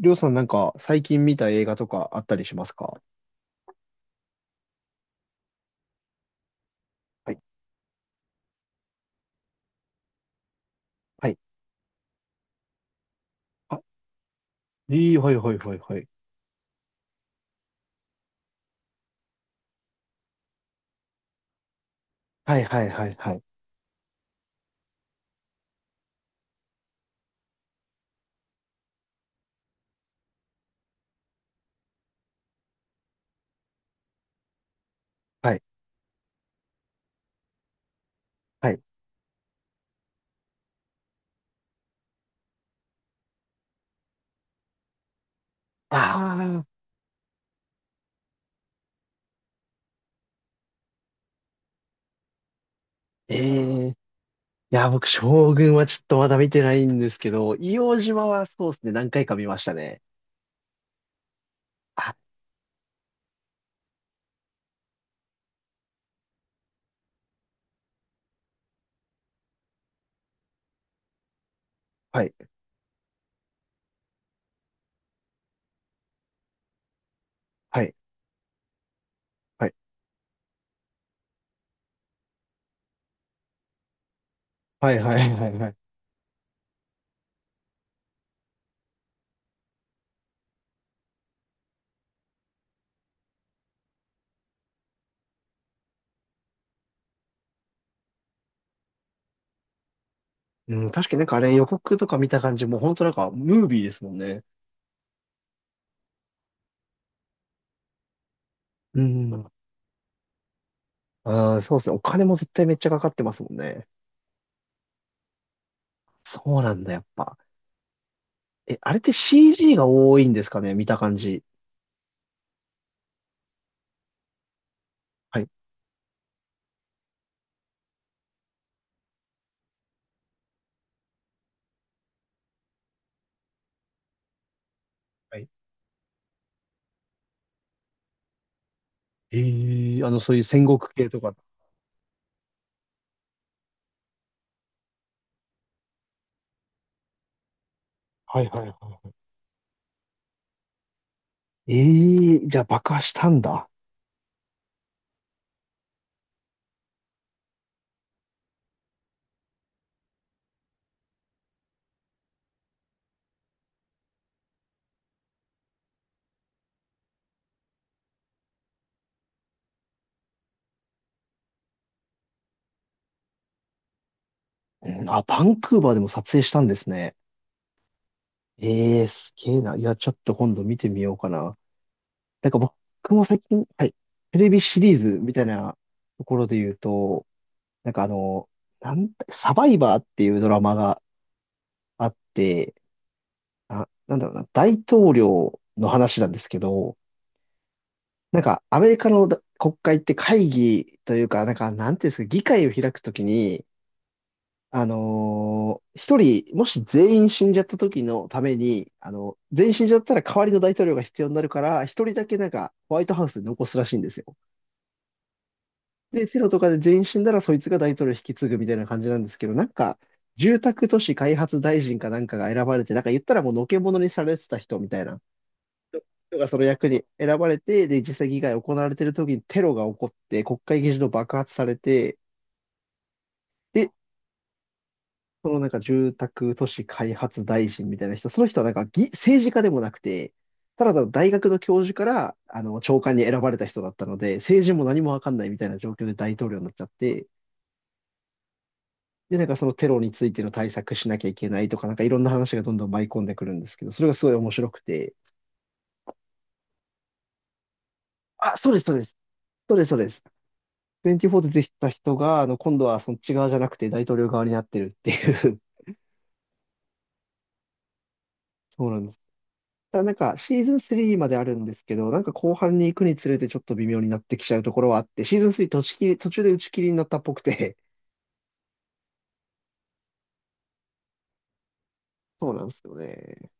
りょうさんなんか最近見た映画とかあったりしますか？はい、はい、あ、いい、はい、はい、はい、はい。はい、はい、はい、はい、はい、はい。ああ、ええ、いや、僕、将軍はちょっとまだ見てないんですけど、硫黄島はそうですね、何回か見ましたね。あ、はい、はい、はい、はい、はい、はい、はい。うん、確かになんかあれ予告とか見た感じ、もう本当なんかムービーですもんね。うん、ああ、そうですね、お金も絶対めっちゃかかってますもんね。そうなんだ、やっぱ。え、あれって CG が多いんですかね、見た感じ。はい。はい。ええ、あの、そういう戦国系とか。はい、はい、はい、はい。ええ、じゃあ爆破したんだ。うん、あ、バンクーバーでも撮影したんですね。ええ、すげえな。いや、ちょっと今度見てみようかな。なんか僕も最近、はい。テレビシリーズみたいなところで言うと、なんかあの、なんだ、サバイバーっていうドラマがあって、あ、なんだろうな、大統領の話なんですけど、なんか、アメリカのだ国会って会議というか、なんか、なんていうんですか、議会を開くときに、一人、もし全員死んじゃった時のために、あの、全員死んじゃったら代わりの大統領が必要になるから、一人だけなんか、ホワイトハウスで残すらしいんですよ。で、テロとかで全員死んだら、そいつが大統領を引き継ぐみたいな感じなんですけど、なんか、住宅都市開発大臣かなんかが選ばれて、なんか言ったらもうのけ者にされてた人みたいな人がその役に選ばれて、で、実際議会が行われてる時にテロが起こって、国会議事堂爆発されて、で、そのなんか住宅都市開発大臣みたいな人、その人はなんか議政治家でもなくて、ただの大学の教授からあの長官に選ばれた人だったので、政治も何もわかんないみたいな状況で大統領になっちゃって、で、なんかそのテロについての対策しなきゃいけないとか、なんかいろんな話がどんどん舞い込んでくるんですけど、それがすごい面白くて、あ、そうです、そうです、そうです、そうです。24で出てた人が、あの、今度はそっち側じゃなくて大統領側になってるっていう。 そうなんです。ただなんか、シーズン3まであるんですけど、なんか後半に行くにつれてちょっと微妙になってきちゃうところはあって、シーズン3途中切り、途中で打ち切りになったっぽくて、そうなんですよね。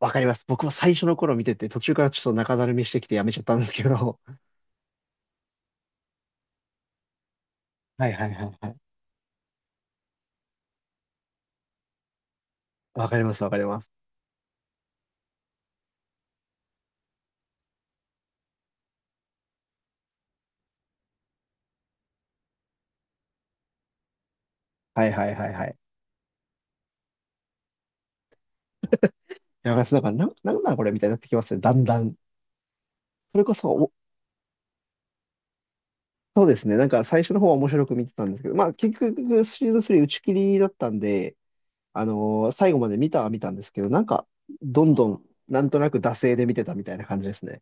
わかります。僕も最初の頃見てて、途中からちょっと中だるみしてきてやめちゃったんですけど、はい、はい、はい、はい。わかります、わかります。はい、はい、はい、はい。いや、なんか、なんなんこれみたいになってきますね。だんだん。それこそそうですね。なんか最初の方は面白く見てたんですけど、まあ結局シリーズ3打ち切りだったんで、最後まで見たは見たんですけど、なんかどんどんなんとなく惰性で見てたみたいな感じですね。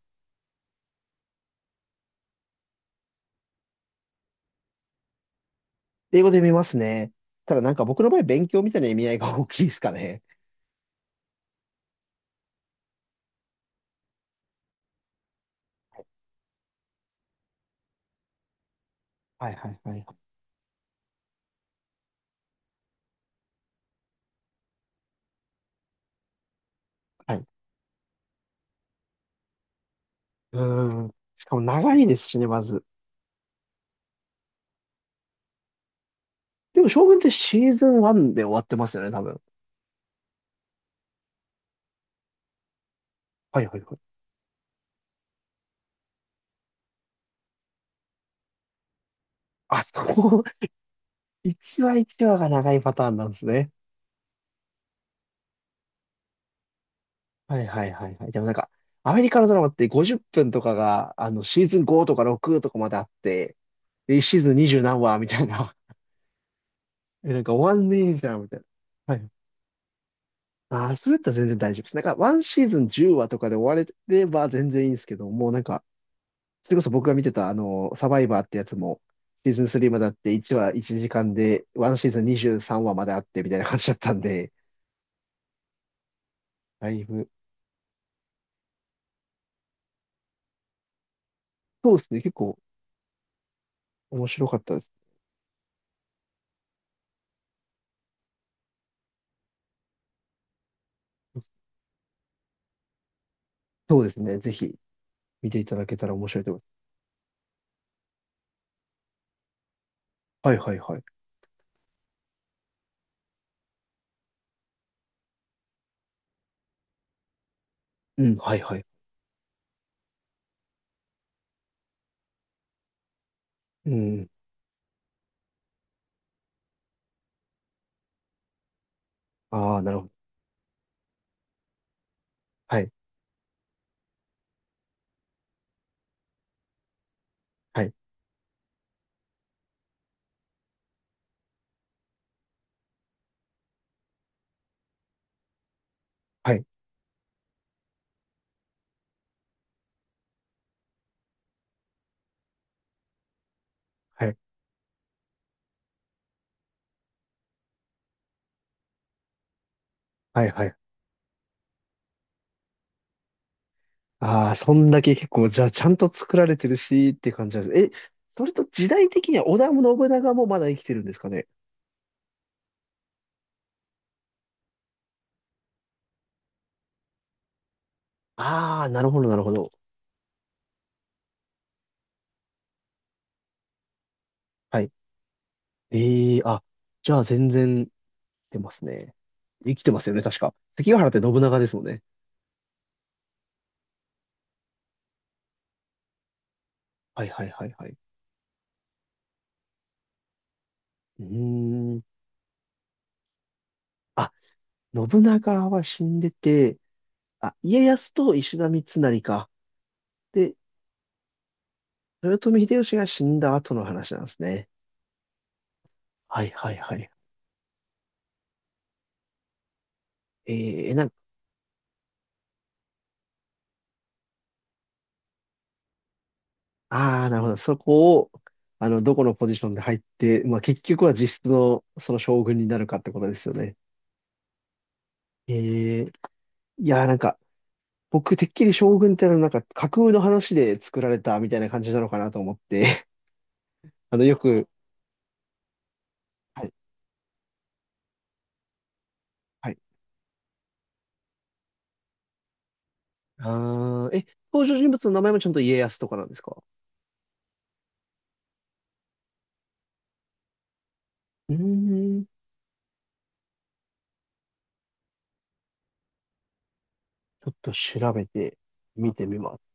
英語で見ますね。ただなんか僕の場合勉強みたいな意味合いが大きいですかね。はい、はい、はい。はい。うーん。しかも長いですしね、まず。でも将軍ってシーズン1で終わってますよね、多分。はい、はい、はい。あ、そう。1話1話が長いパターンなんですね。はい、はい、はい、はい。でもなんか、アメリカのドラマって50分とかが、あの、シーズン5とか6とかまであって、で、1シーズン20何話みたいな。え、なんか終わんねえじゃん、みたいな。はい。ああ、それだったら全然大丈夫です。なんか、1シーズン10話とかで終われれば全然いいんですけど、もうなんか、それこそ僕が見てた、あの、サバイバーってやつも、シーズン3まであって、1話1時間で、1シーズン23話まであって、みたいな感じだったんで、だいぶ、そうですね、結構面白かったです。そうですね、ぜひ見ていただけたら面白いと思います。はい、はい、はい。うん、はい、はい。うん。ああ、なるほど。はい、はい、はい、はい、はい、はい。ああ、そんだけ結構、じゃあ、ちゃんと作られてるし、っていう感じなんです。え、それと時代的には織田信長もまだ生きてるんですかね？ああ、なるほど、なるほど。はい。ええ、あ、じゃあ、全然、出ますね。生きてますよね、確か。関ヶ原って信長ですもんね。はい、はい、はい、はい。うーん。あ、信長は死んでて、あ、家康と石田三成か。で、豊臣秀吉が死んだ後の話なんですね。はい、はい、はい。なんか、ああ、なるほど。そこを、あの、どこのポジションで入って、まあ結局は実質のその将軍になるかってことですよね。えー、いやーなんか、僕てっきり将軍ってのはなんか架空の話で作られたみたいな感じなのかなと思って、あの、よく、はい、はい。ああ、え、登場人物の名前もちゃんと家康とかなんですか？うーん、ちょっと調べて見てみます。